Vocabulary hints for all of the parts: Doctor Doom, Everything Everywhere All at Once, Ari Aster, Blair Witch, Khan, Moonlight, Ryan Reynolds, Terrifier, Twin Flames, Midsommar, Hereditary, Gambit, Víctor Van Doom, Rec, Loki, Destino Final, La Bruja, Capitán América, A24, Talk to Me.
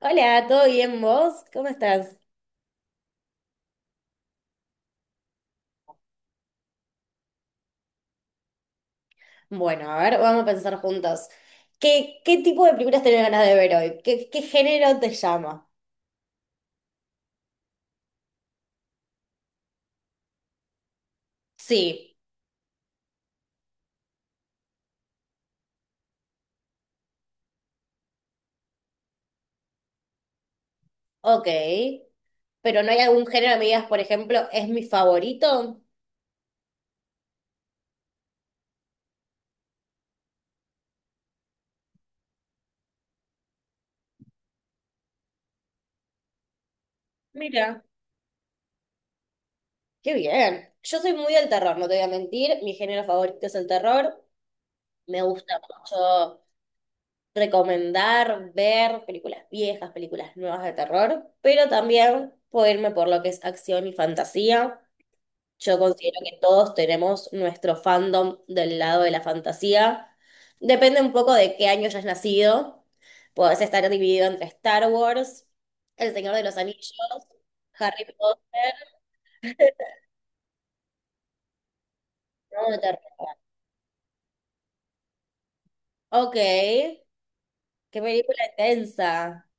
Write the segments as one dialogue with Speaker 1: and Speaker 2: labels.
Speaker 1: Hola, ¿todo bien vos? ¿Cómo estás? Bueno, a ver, vamos a pensar juntos. ¿Qué tipo de películas tenés ganas de ver hoy? ¿Qué género te llama? Sí, ok. Pero no hay algún género que me digas, por ejemplo, es mi favorito. Mira. Qué bien. Yo soy muy del terror, no te voy a mentir. Mi género favorito es el terror. Me gusta mucho recomendar, ver películas viejas, películas nuevas de terror, pero también puedo irme por lo que es acción y fantasía. Yo considero que todos tenemos nuestro fandom del lado de la fantasía. Depende un poco de qué año hayas nacido. Podés estar dividido entre Star Wars, El Señor de los Anillos, Harry Potter, ¿no? De terror. Ok, qué película intensa.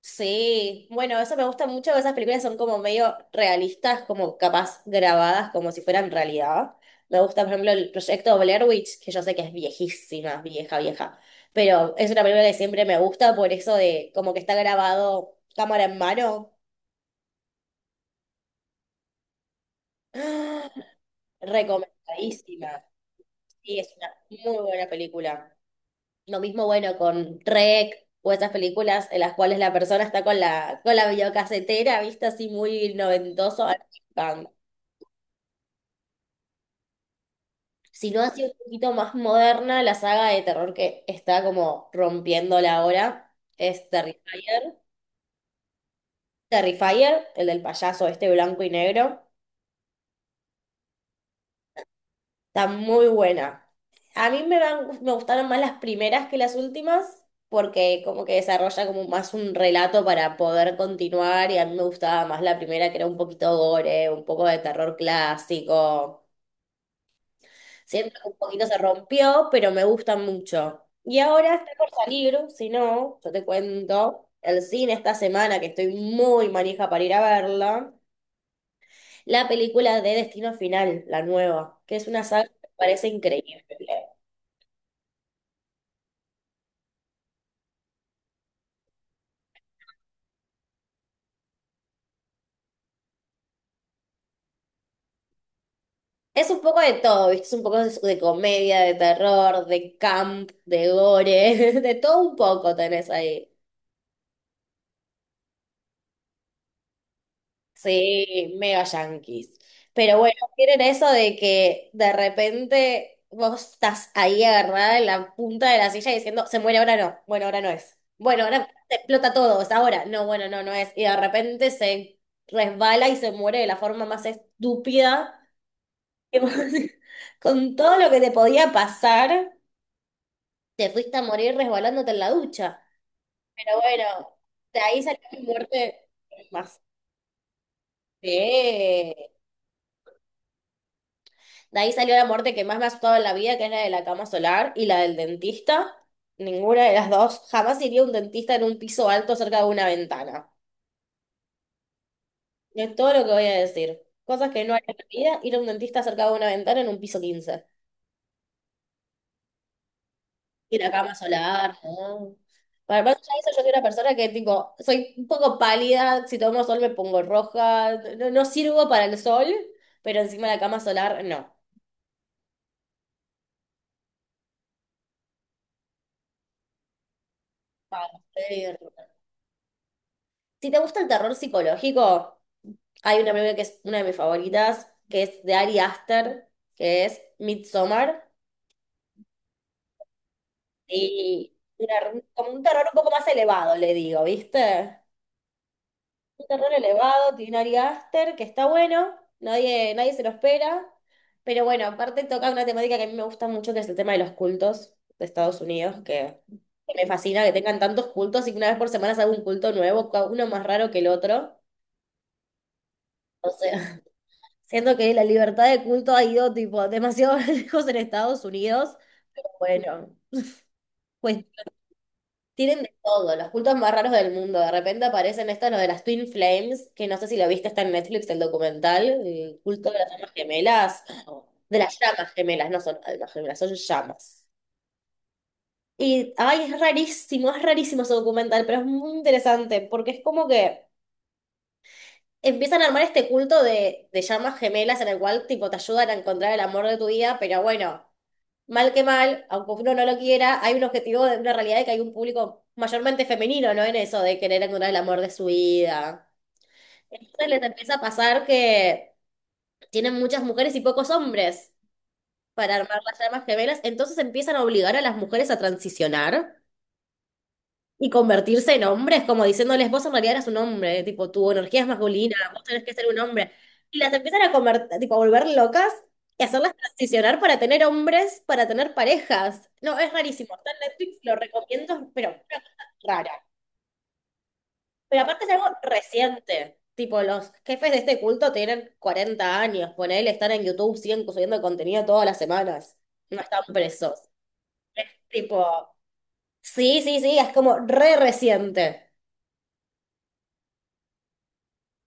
Speaker 1: Sí, bueno, eso me gusta mucho, esas películas son como medio realistas, como capaz grabadas como si fueran realidad. Me gusta, por ejemplo, el proyecto Blair Witch, que yo sé que es viejísima, vieja, vieja, pero es una película que siempre me gusta por eso de como que está grabado cámara en mano. ¡Ah! Recomendadísima. Sí, es una muy buena película. Lo mismo, bueno, con Rec o esas películas en las cuales la persona está con la videocasetera, vista así muy noventoso. Sino así un poquito más moderna, la saga de terror que está como rompiéndola ahora es Terrifier. Terrifier, el del payaso este blanco y negro, está muy buena. A mí me, van- me gustaron más las primeras que las últimas, porque como que desarrolla como más un relato para poder continuar, y a mí me gustaba más la primera, que era un poquito gore, un poco de terror clásico. Siento que un poquito se rompió, pero me gusta mucho. Y ahora está por salir, si no, yo te cuento, el cine esta semana, que estoy muy manija para ir a verla, la película de Destino Final, la nueva, que es una saga que me parece increíble. Es un poco de todo, ¿viste? Es un poco de comedia, de terror, de camp, de gore, de todo un poco tenés ahí. Sí, mega yanquis. Pero bueno, tienen eso de que de repente vos estás ahí agarrada en la punta de la silla diciendo, se muere ahora no, bueno, ahora no es. Bueno, ahora te explota todo, es ahora. No, bueno, no, no es. Y de repente se resbala y se muere de la forma más estúpida. Que vos con todo lo que te podía pasar, te fuiste a morir resbalándote en la ducha. Pero bueno, de ahí salió mi muerte más. Sí. De ahí salió la muerte que más me ha asustado en la vida, que es la de la cama solar y la del dentista. Ninguna de las dos. Jamás iría a un dentista en un piso alto cerca de una ventana. Es todo lo que voy a decir. Cosas que no haría en la vida, ir a un dentista cerca de una ventana en un piso 15. Y la cama solar, ¿no? Para más allá de eso, yo soy una persona que, tipo, soy un poco pálida. Si tomo sol me pongo roja. No, no sirvo para el sol, pero encima la cama solar, no. Para hacer- Si te gusta el terror psicológico... Hay una película que es una de mis favoritas, que es de Ari Aster, que es Midsommar, y una- como un terror un poco más elevado, le digo, ¿viste? Un terror elevado, tiene Ari Aster, que está bueno, nadie, nadie se lo espera, pero bueno, aparte toca una temática que a mí me gusta mucho, que es el tema de los cultos de Estados Unidos, que me fascina que tengan tantos cultos y que una vez por semana se haga un culto nuevo, uno más raro que el otro. O sea, siento que la libertad de culto ha ido tipo demasiado lejos en Estados Unidos. Bueno, pues tienen de todo, los cultos más raros del mundo. De repente aparecen estos, los de las Twin Flames, que no sé si lo viste, está en Netflix el documental, el culto de las llamas gemelas, de las llamas gemelas, no son almas gemelas, son llamas. Y, ay, es rarísimo ese documental, pero es muy interesante porque es como que empiezan a armar este culto de llamas gemelas en el cual tipo te ayudan a encontrar el amor de tu vida, pero bueno, mal que mal, aunque uno no lo quiera, hay un objetivo de una realidad de que hay un público mayormente femenino, ¿no? En eso de querer encontrar el amor de su vida. Entonces les empieza a pasar que tienen muchas mujeres y pocos hombres para armar las llamas gemelas, entonces empiezan a obligar a las mujeres a transicionar. Y convertirse en hombres, como diciéndoles, vos en realidad eras un hombre, tipo, tu energía es masculina, vos tenés que ser un hombre. Y las empiezan a convertir, tipo, a volver locas y hacerlas transicionar para tener hombres, para tener parejas. No, es rarísimo. Está en Netflix, lo recomiendo, pero una cosa rara. Pero aparte es algo reciente. Tipo, los jefes de este culto tienen 40 años, ponele, están en YouTube, siguen subiendo contenido todas las semanas. No están presos. Es tipo, sí, sí, sí, es como re reciente.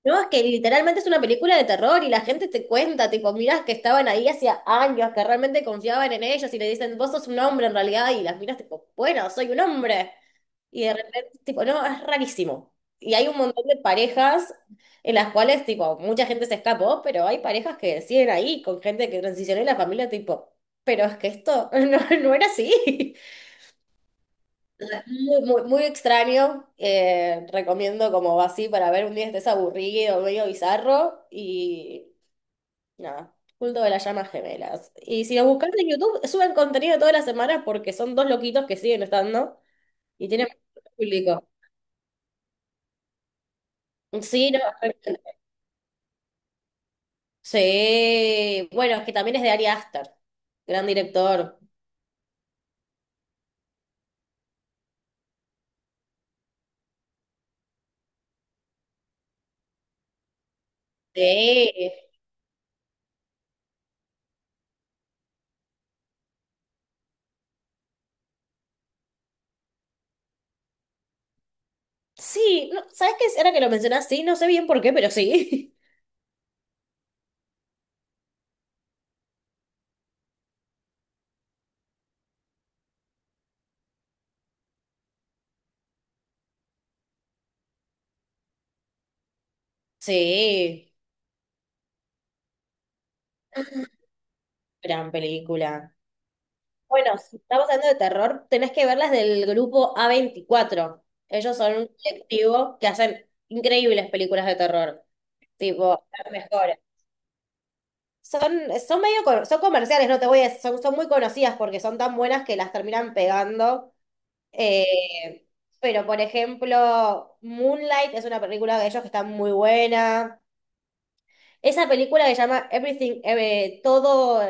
Speaker 1: No, es que literalmente es una película de terror y la gente te cuenta, tipo, miras que estaban ahí hacía años, que realmente confiaban en ellos y le dicen, vos sos un hombre en realidad, y las miras tipo, bueno, soy un hombre. Y de repente, tipo, no, es rarísimo. Y hay un montón de parejas en las cuales, tipo, mucha gente se escapó, pero hay parejas que siguen ahí con gente que transicionó y la familia, tipo, pero es que esto no, no era así. Muy, muy, muy extraño. Recomiendo como así para ver un día estés aburrido, medio bizarro. Y nada, culto de las llamas gemelas. Y si lo buscas en YouTube, suben contenido todas las semanas porque son dos loquitos que siguen estando y tienen mucho público. Sí, no, sí. Bueno, es que también es de Ari Aster, gran director. Sí. Sí, no, ¿sabes qué? Ahora que lo mencionas, sí, no sé bien por qué, pero sí. Sí, gran película. Bueno, si estamos hablando de terror, tenés que ver las del grupo A24. Ellos son un colectivo que hacen increíbles películas de terror, tipo, las mejores. Son, son medio, son comerciales, no te voy a decir, son, son muy conocidas porque son tan buenas que las terminan pegando. Eh, pero, por ejemplo, Moonlight es una película de ellos que está muy buena. Esa película que se llama Everything, todo,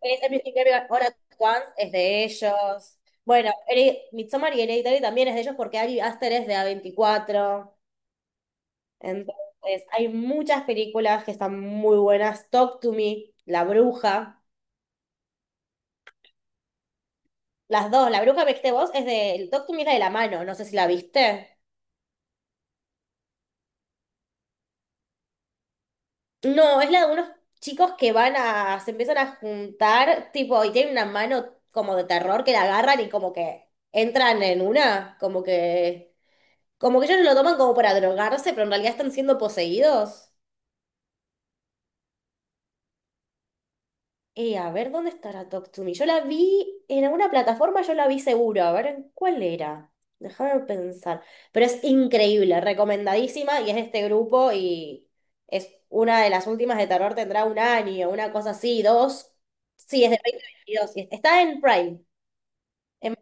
Speaker 1: es Everything Everywhere All at Once, es de ellos. Bueno, Midsommar y Hereditary también es de ellos porque Ari Aster es de A24. Entonces, hay muchas películas que están muy buenas. Talk to Me, La Bruja. Las dos. La Bruja, viste vos, es de... Talk to Me es la de la mano. No sé si la viste. No, es la de unos chicos que van a... Se empiezan a juntar, tipo, y tienen una mano como de terror que la agarran y como que entran en una. Como que ellos lo toman como para drogarse, pero en realidad están siendo poseídos. A ver, ¿dónde estará Talk to Me? Yo la vi en alguna plataforma, yo la vi seguro. A ver, ¿en cuál era? Déjame pensar. Pero es increíble, recomendadísima, y es de este grupo, y es una de las últimas de terror, tendrá un año, una cosa así, dos. Sí, es de 2022, y está en Prime. En...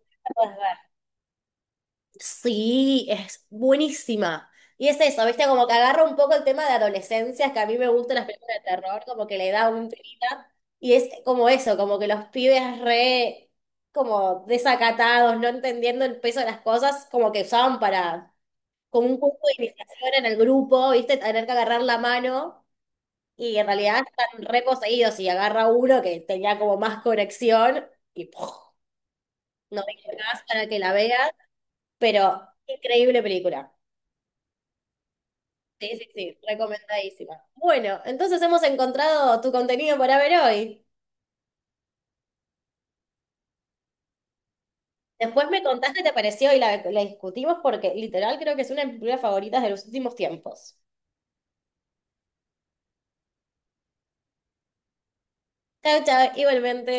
Speaker 1: Sí, es buenísima. Y es eso, ¿viste? Como que agarra un poco el tema de adolescencia, que a mí me gustan las películas de terror, como que le da un tirita. Y es como eso, como que los pibes re, como desacatados, no entendiendo el peso de las cosas, como que usaban para, como un curso de iniciación en el grupo, ¿viste? Tener que agarrar la mano y en realidad están re poseídos y agarra uno que tenía como más conexión y ¡puf! No digo más para que la veas, pero increíble película. Sí, sí, sí, recomendadísima. Bueno, entonces hemos encontrado tu contenido para ver hoy. Después me contaste qué te pareció y la discutimos porque literal creo que es una de mis películas favoritas de los últimos tiempos. Chao, chao, igualmente.